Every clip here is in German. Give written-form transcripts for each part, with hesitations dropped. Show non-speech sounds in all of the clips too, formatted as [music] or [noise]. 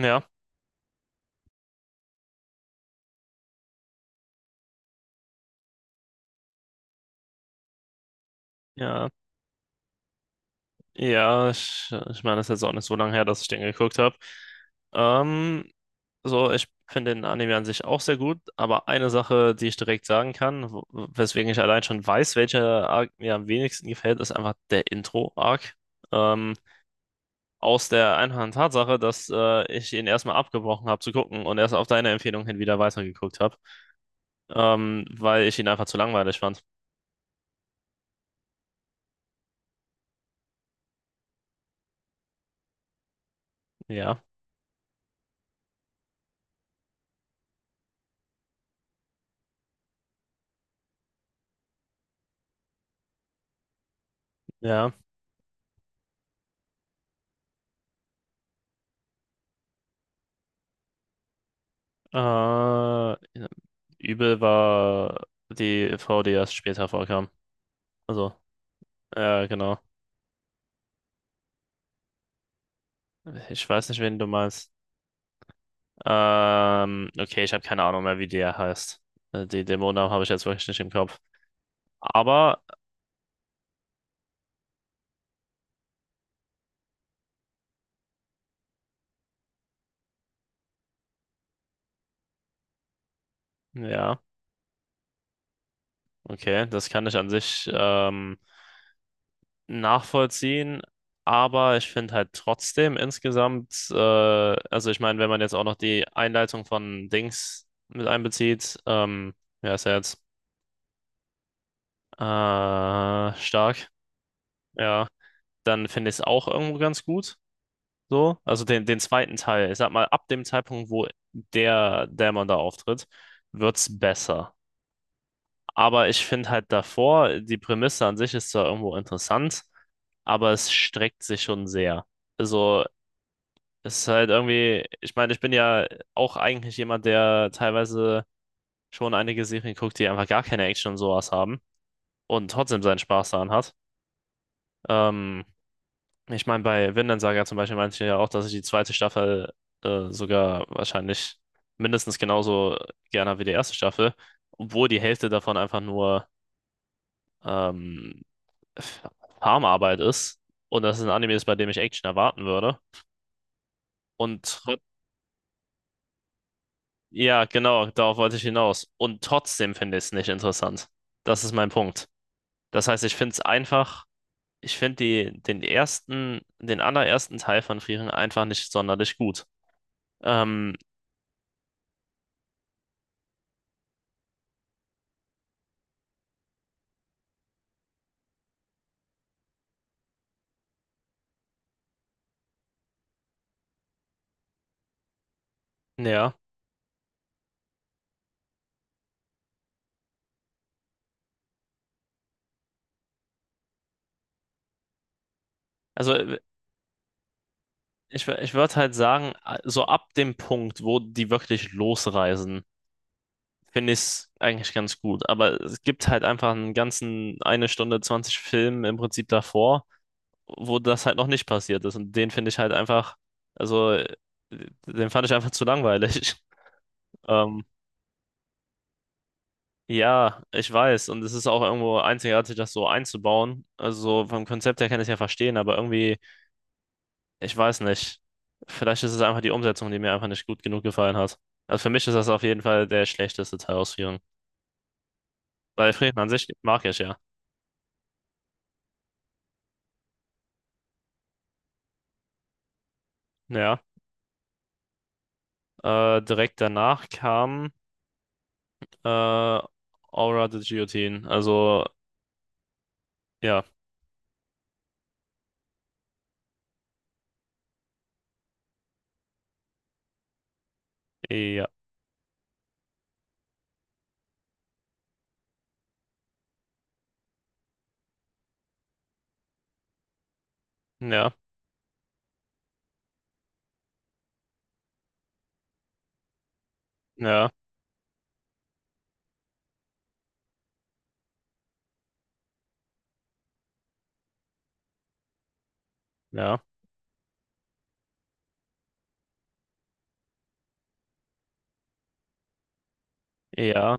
Ja, ja, ja, ich meine, das ist jetzt auch nicht so lange her, dass ich den geguckt habe. Ähm, so, ich finde den Anime an sich auch sehr gut, aber eine Sache, die ich direkt sagen kann, weswegen ich allein schon weiß, welcher Arc mir am wenigsten gefällt, ist einfach der Intro-Arc. Ähm, Aus der einfachen Tatsache, dass ich ihn erstmal abgebrochen habe zu gucken und erst auf deine Empfehlung hin wieder weitergeguckt habe, weil ich ihn einfach zu langweilig fand. Ja, ja. Äh, Übel war die Frau, die erst später vorkam. Also, ja, genau. Ich weiß nicht, wen du meinst. Okay, ich habe keine Ahnung mehr, wie der heißt. Die Dämonen habe ich jetzt wirklich nicht im Kopf. Aber ja, okay, das kann ich an sich nachvollziehen. Aber ich finde halt trotzdem insgesamt, also ich meine, wenn man jetzt auch noch die Einleitung von Dings mit einbezieht, ja, ist ja jetzt äh, stark. Ja, dann finde ich es auch irgendwo ganz gut. So, also den zweiten Teil. Ich sag mal, ab dem Zeitpunkt, wo der Dämon da auftritt, wird's besser. Aber ich finde halt davor, die Prämisse an sich ist zwar irgendwo interessant, aber es streckt sich schon sehr. Also, es ist halt irgendwie, ich meine, ich bin ja auch eigentlich jemand, der teilweise schon einige Serien guckt, die einfach gar keine Action und sowas haben und trotzdem seinen Spaß daran hat. Ähm, Ich meine, bei Vinland Saga zum Beispiel meinte ich ja auch, dass ich die zweite Staffel sogar wahrscheinlich mindestens genauso gerne habe wie die erste Staffel, obwohl die Hälfte davon einfach nur ähm, Farmarbeit ist und das ein Anime ist, bei dem ich Action erwarten würde. Und tr- ja, genau, darauf wollte ich hinaus. Und trotzdem finde ich es nicht interessant. Das ist mein Punkt. Das heißt, ich finde es einfach, ich finde den ersten, den allerersten Teil von Frieren einfach nicht sonderlich gut. Ähm, ja. Also ich würde halt sagen, so ab dem Punkt, wo die wirklich losreisen, finde ich es eigentlich ganz gut. Aber es gibt halt einfach einen ganzen eine Stunde 20 Film im Prinzip davor, wo das halt noch nicht passiert ist. Und den finde ich halt einfach, also den fand ich einfach zu langweilig. [laughs] Ähm, ja, ich weiß. Und es ist auch irgendwo einzigartig, das so einzubauen. Also vom Konzept her kann ich es ja verstehen, aber irgendwie. Ich weiß nicht. Vielleicht ist es einfach die Umsetzung, die mir einfach nicht gut genug gefallen hat. Also für mich ist das auf jeden Fall der schlechteste Teil aus vielen. Weil Frieden an sich mag ich ja. Ja. Direkt danach kam äh, Aura the Guillotine. Also, ja. Ja. Ja. Ja. Ja. Ja.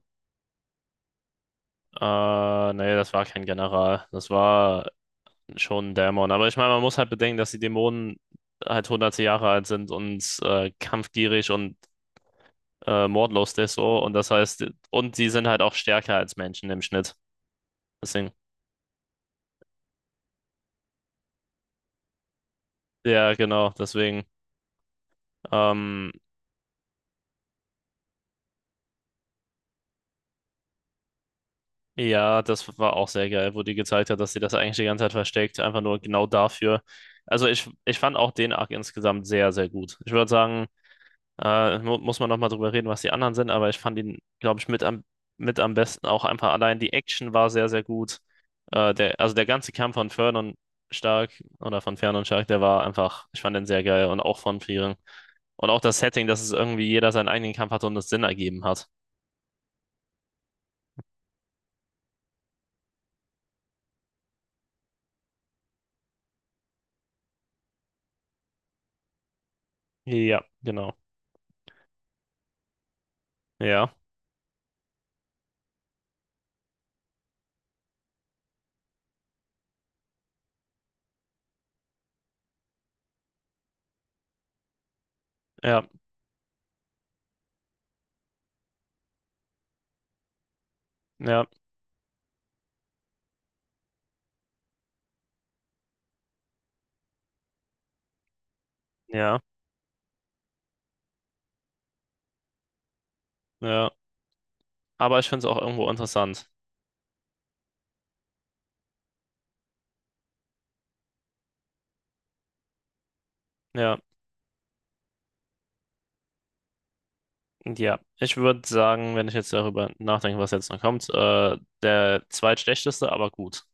Nee, das war kein General. Das war schon ein Dämon. Aber ich meine, man muss halt bedenken, dass die Dämonen halt hunderte Jahre alt sind und kampfgierig und mordlos Deso, und das heißt, und sie sind halt auch stärker als Menschen im Schnitt. Deswegen, ja, genau, deswegen, ähm, ja, das war auch sehr geil, wo die gezeigt hat, dass sie das eigentlich die ganze Zeit versteckt, einfach nur genau dafür. Also ich fand auch den Arc insgesamt sehr, sehr gut. Ich würde sagen, mu muss man nochmal drüber reden, was die anderen sind, aber ich fand ihn, glaube ich, mit am besten. Auch einfach allein die Action war sehr, sehr gut. Also der ganze Kampf von Stark Fern Stark, der war einfach, ich fand den sehr geil und auch von Frieren. Und auch das Setting, dass es irgendwie jeder seinen eigenen Kampf hatte und es Sinn ergeben hat. Ja, genau. Ja, ja, ja, ja, ja. Aber ich finde es auch irgendwo interessant. Ja, ja. Ich würde sagen, wenn ich jetzt darüber nachdenke, was jetzt noch kommt, der zweitschlechteste, aber gut.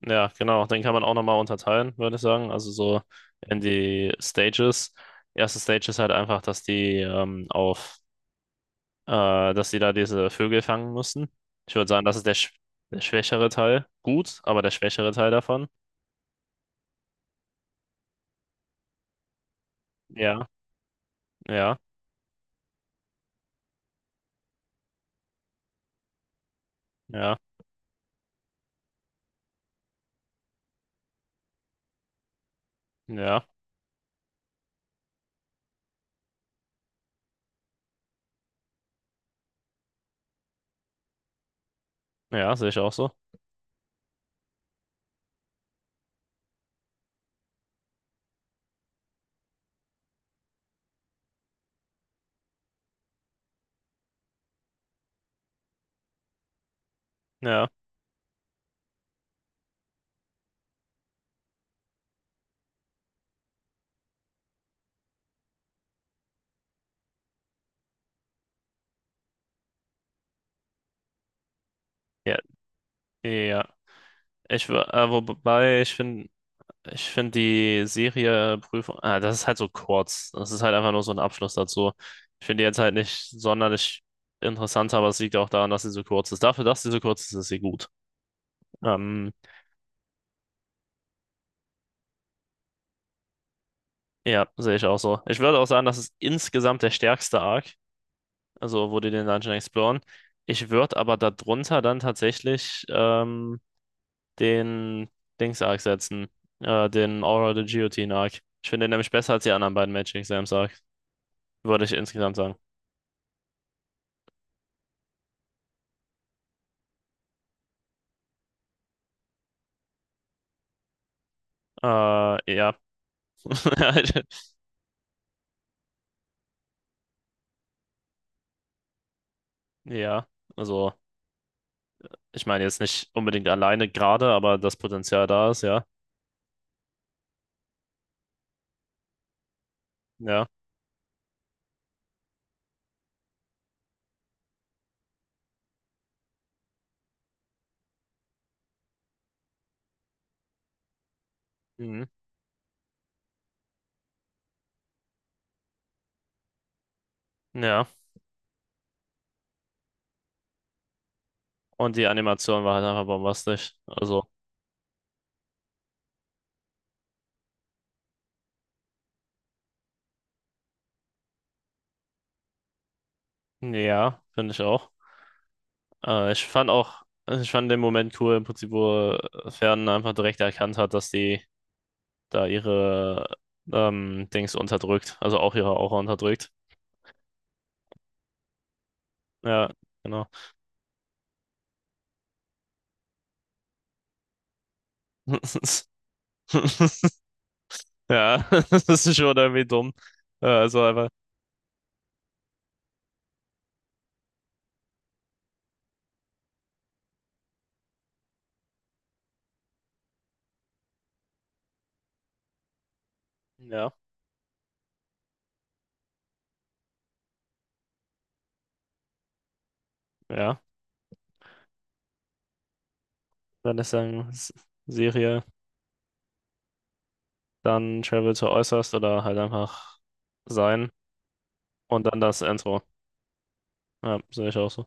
Ja, genau. Den kann man auch nochmal unterteilen, würde ich sagen. Also so in die Stages. Erste Stage ist halt einfach, dass die äh, dass die da diese Vögel fangen mussten. Ich würde sagen, das ist der schwächere Teil. Gut, aber der schwächere Teil davon. Ja, ja, ja, ja, ja, sehe ich auch so. Ja, ja, ja. Wobei, ich finde die Serie Prüfung, ah, das ist halt so kurz. Das ist halt einfach nur so ein Abschluss dazu. Ich finde die jetzt halt nicht sonderlich interessant, aber es liegt auch daran, dass sie so kurz ist. Dafür, dass sie so kurz ist, ist sie gut. Ähm, ja, sehe ich auch so. Ich würde auch sagen, das ist insgesamt der stärkste Arc, also wo die den Dungeon exploren. Ich würde aber darunter dann tatsächlich den Dings-Arc setzen, den Aura the Guillotine-Arc. Ich finde den nämlich besser als die anderen beiden Magic Exams-Arc, würde ich insgesamt sagen. Äh, ja, [laughs] ja, also ich meine jetzt nicht unbedingt alleine gerade, aber das Potenzial da ist, ja. Ja. Mhm. Ja. Und die Animation war halt einfach bombastisch. Also, ja, finde ich auch. Ich fand auch, ich fand den Moment cool, im Prinzip, wo Fern einfach direkt erkannt hat, dass die da ihre Dings unterdrückt, also auch ihre Aura unterdrückt. Ja, genau. [laughs] Ja, [laughs] das ist schon irgendwie dumm. Also einfach, ja, ja. Wenn es sagen, Serie, dann Travel to Äußerst oder halt einfach Sein und dann das Intro. Ja, sehe ich auch so.